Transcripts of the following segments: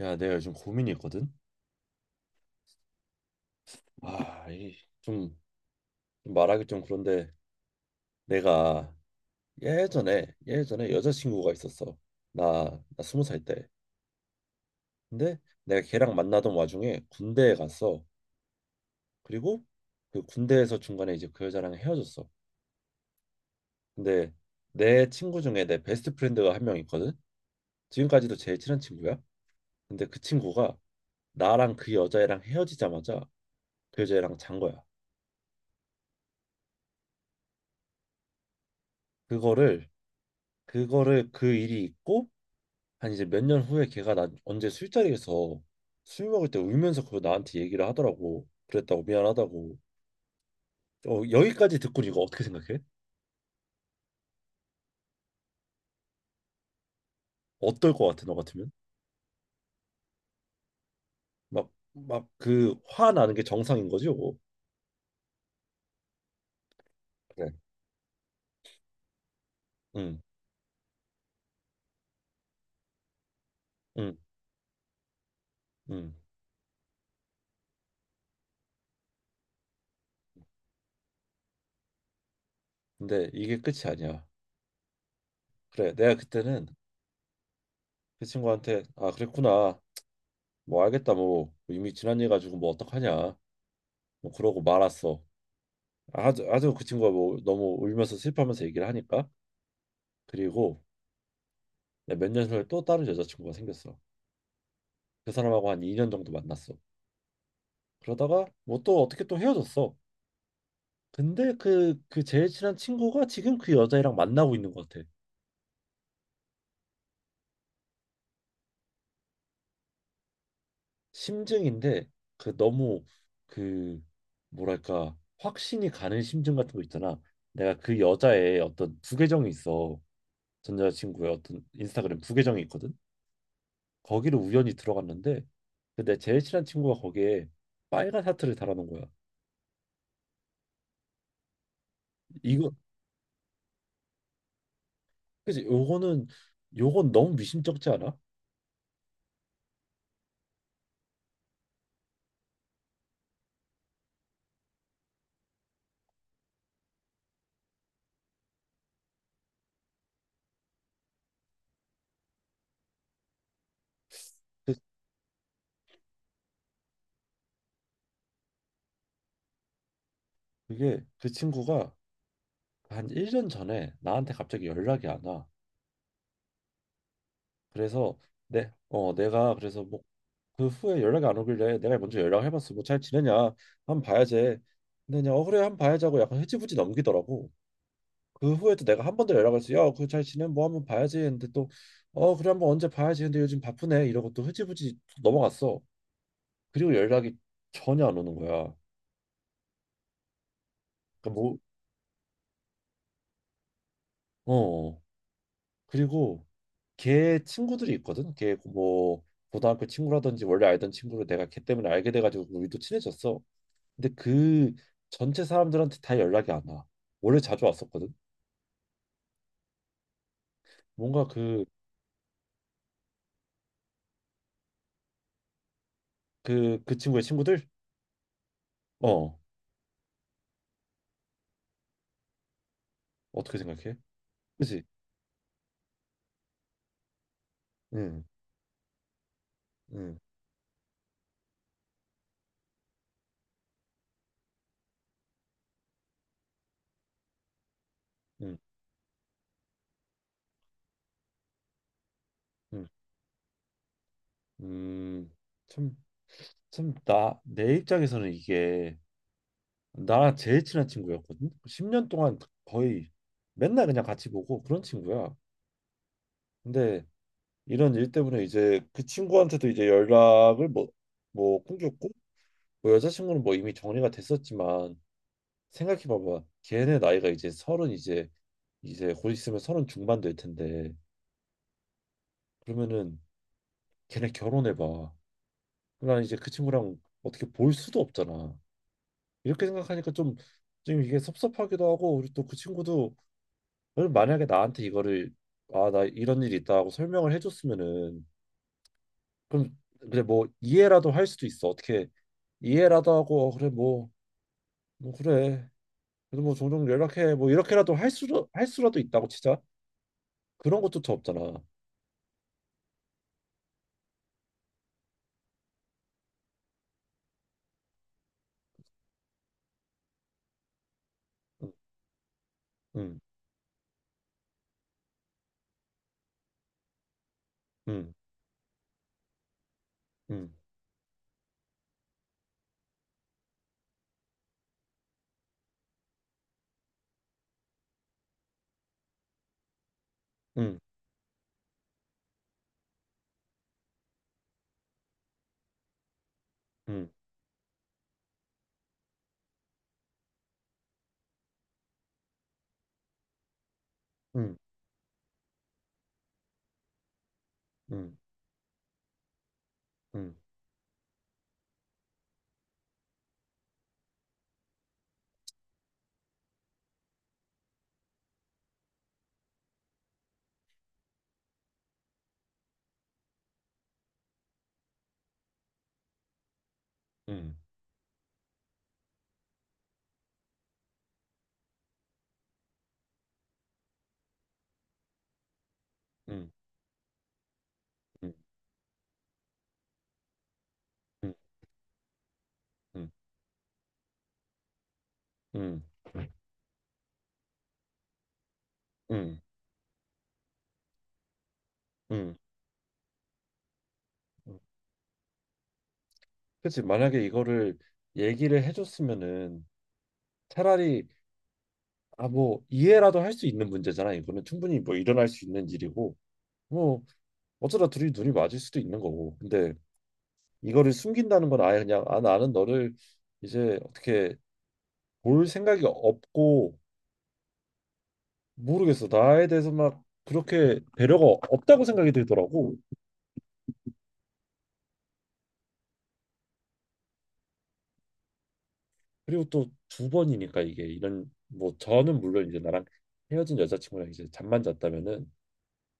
야, 내가 요즘 고민이 있거든. 아, 이 좀 말하기 좀 그런데 내가 예전에 여자친구가 있었어. 나 20살 때. 근데 내가 걔랑 만나던 와중에 군대에 갔어. 그리고 그 군대에서 중간에 이제 그 여자랑 헤어졌어. 근데 내 친구 중에 내 베스트 프렌드가 1명 있거든. 지금까지도 제일 친한 친구야. 근데 그 친구가 나랑 그 여자애랑 헤어지자마자 그 여자애랑 잔 거야. 그거를 그거를 그 일이 있고 한 이제 몇 년 후에 걔가 나 언제 술자리에서 술 먹을 때 울면서 그거 나한테 얘기를 하더라고. 그랬다고 미안하다고. 어, 여기까지 듣고 이거 어떻게 생각해? 어떨 것 같아 너 같으면? 막 그 화나는 게 정상인 거지 요거. 그래. 응, 응, 응. 근데 이게 끝이 아니야. 그래, 내가 그때는 그 친구한테 아 그랬구나. 뭐 알겠다 뭐 이미 지난 일 가지고 뭐 어떡하냐. 뭐 그러고 말았어. 아주 아주 그 친구가 뭐 너무 울면서 슬퍼하면서 얘기를 하니까 그리고 네, 몇년 후에 또 다른 여자친구가 생겼어. 그 사람하고 한 2년 정도 만났어. 그러다가 뭐 또 어떻게 또 헤어졌어. 근데 그 제일 친한 친구가 지금 그 여자애랑 만나고 있는 것 같아. 심증인데 그 너무 그 뭐랄까 확신이 가는 심증 같은 거 있잖아. 내가 그 여자의 어떤 부계정이 있어. 전 여자친구의 어떤 인스타그램 부계정이 있거든. 거기를 우연히 들어갔는데 근데 제일 친한 친구가 거기에 빨간 하트를 달아놓은 거야. 이거 그치 요거는 요건 너무 미심쩍지 않아? 그, 그게 그 친구가 한 1년 전에 나한테 갑자기 연락이 안 와. 그래서 내, 어, 내가 그래서 뭐 그 후에 연락이 안 오길래 내가 먼저 연락을 해봤어. 뭐 잘 지내냐? 한번 봐야지. 근데 그냥 어 그래 한번 봐야지 하고 약간 흐지부지 넘기더라고. 그 후에도 내가 한 번 더 연락을 했어. 야, 그잘 지내? 뭐 한번 봐야지 했는데 또 어 그래 한번 언제 봐야지. 근데 요즘 바쁘네 이러고 또 흐지부지 넘어갔어. 그리고 연락이 전혀 안 오는 거야. 그러니까 뭐 어. 어. 그리고 걔 친구들이 있거든. 걔 뭐 고등학교 친구라든지 원래 알던 친구를 내가 걔 때문에 알게 돼가지고 우리도 친해졌어. 근데 그 전체 사람들한테 다 연락이 안 와. 원래 자주 왔었거든. 뭔가 그 친구의 친구들? 어 어떻게 생각해? 그지? 응, 응, 응, 응, 음. 참, 참, 내 입장에서는 이게 나랑 제일 친한 친구였거든. 10년 동안 거의 맨날 그냥 같이 보고 그런 친구야. 근데 이런 일 때문에 이제 그 친구한테도 이제 연락을 뭐 끊겼고 뭐 여자친구는 뭐 이미 정리가 됐었지만 생각해 봐봐 걔네 나이가 이제 서른 이제 곧 있으면 서른 중반 될 텐데 그러면은 걔네 결혼해 봐그 이제 그 친구랑 어떻게 볼 수도 없잖아 이렇게 생각하니까 좀 이게 섭섭하기도 하고 우리 또 그 친구도 만약에 나한테 이거를 아 나 이런 일이 있다 하고 설명을 해줬으면은 그럼 그래 뭐 이해라도 할 수도 있어. 어떻게 이해라도 하고 어, 그래 뭐 그래. 그래도 뭐 종종 연락해. 뭐 이렇게라도 할 수라도 있다고 치자. 그런 것도 없잖아. 음, 음, 음, 음, 음, 음, 음, 음, 음, 음, 음, 음, 음, 음. 응, 응. 응. 그치. 만약에 이거를 얘기를 해줬으면은 차라리 아 뭐 이해라도 할 수 있는 문제잖아. 이거는 충분히 뭐 일어날 수 있는 일이고 뭐 어쩌다 둘이 눈이 맞을 수도 있는 거고. 근데 이거를 숨긴다는 건 아예 그냥 아 나는 너를 이제 어떻게 볼 생각이 없고 모르겠어. 나에 대해서 막 그렇게 배려가 없다고 생각이 들더라고. 그리고 또 두 번이니까 이게 이런 뭐 저는 물론 이제 나랑 헤어진 여자친구랑 이제 잠만 잤다면은 뭐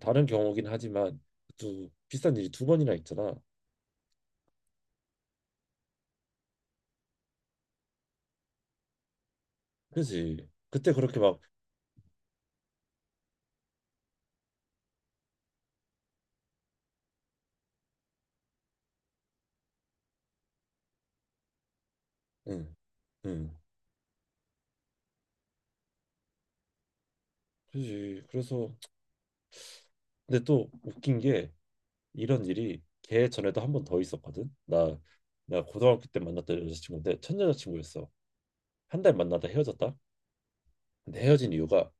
다른 경우긴 하지만 또 비슷한 일이 2번이나 있잖아. 그지? 그때 그렇게 막 응, 응, 그지? 그래서 근데 또 웃긴 게 이런 일이 걔 전에도 한 번 더 있었거든. 나 고등학교 때 만났던 여자친구인데 첫 여자친구였어. 1달 만나다 헤어졌다. 근데 헤어진 이유가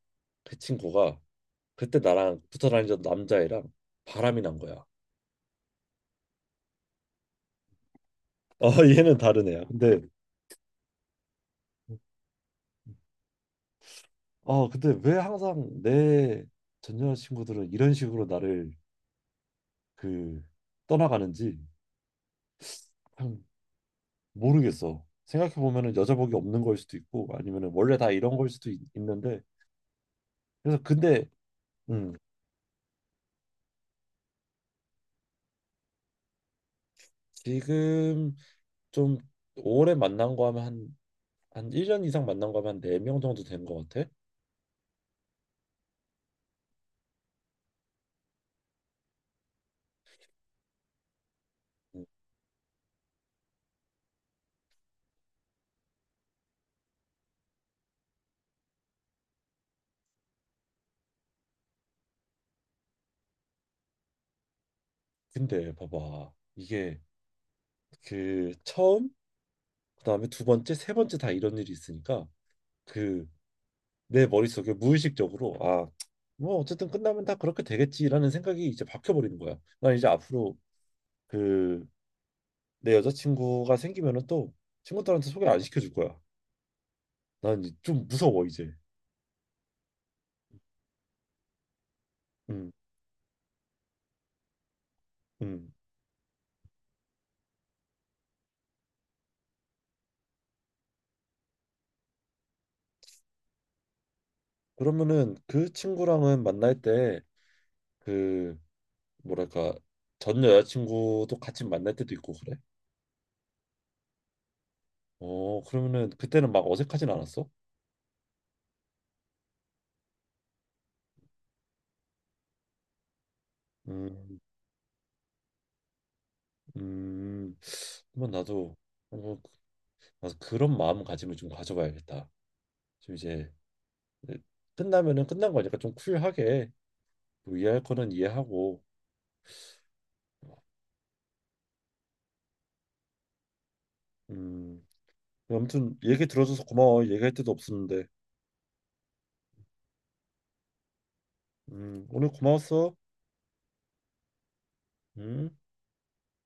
그 친구가 그때 나랑 붙어 다니던 남자애랑 바람이 난 거야. 어 얘는 다른 애야. 근데 어 근데 왜 항상 내 전 여자친구들은 이런 식으로 나를 그 떠나가는지 참 모르겠어. 생각해 보면은 여자복이 없는 걸 수도 있고 아니면은 원래 다 이런 걸 수도 있, 는데 그래서 근데 지금 좀 오래 만난 거 하면 한 1년 이상 만난 거 하면 한 4명 정도 된 거 같아. 음, 근데 봐봐. 이게 그 처음, 그다음에 두 번째, 세 번째 다 이런 일이 있으니까 그 내 머릿속에 무의식적으로 아, 뭐 어쨌든 끝나면 다 그렇게 되겠지라는 생각이 이제 박혀버리는 거야. 난 이제 앞으로 그 내 여자친구가 생기면은 또 친구들한테 소개 안 시켜줄 거야. 난 좀 무서워 이제. 음, 음. 그러면은 그 친구랑은 만날 때 그 뭐랄까 전 여자친구도 같이 만날 때도 있고 그래? 어 그러면은 그때는 막 어색하진 않았어? 음, 음, 그러 나도 뭐 나도 그런 마음가짐을 좀 가져봐야겠다. 좀 이제 끝나면은 끝난 거니까 좀 쿨하게 뭐 이해할 거는 이해하고 음 아무튼 얘기 들어줘서 고마워. 얘기할 데도 없었는데 오늘 고마웠어. 음.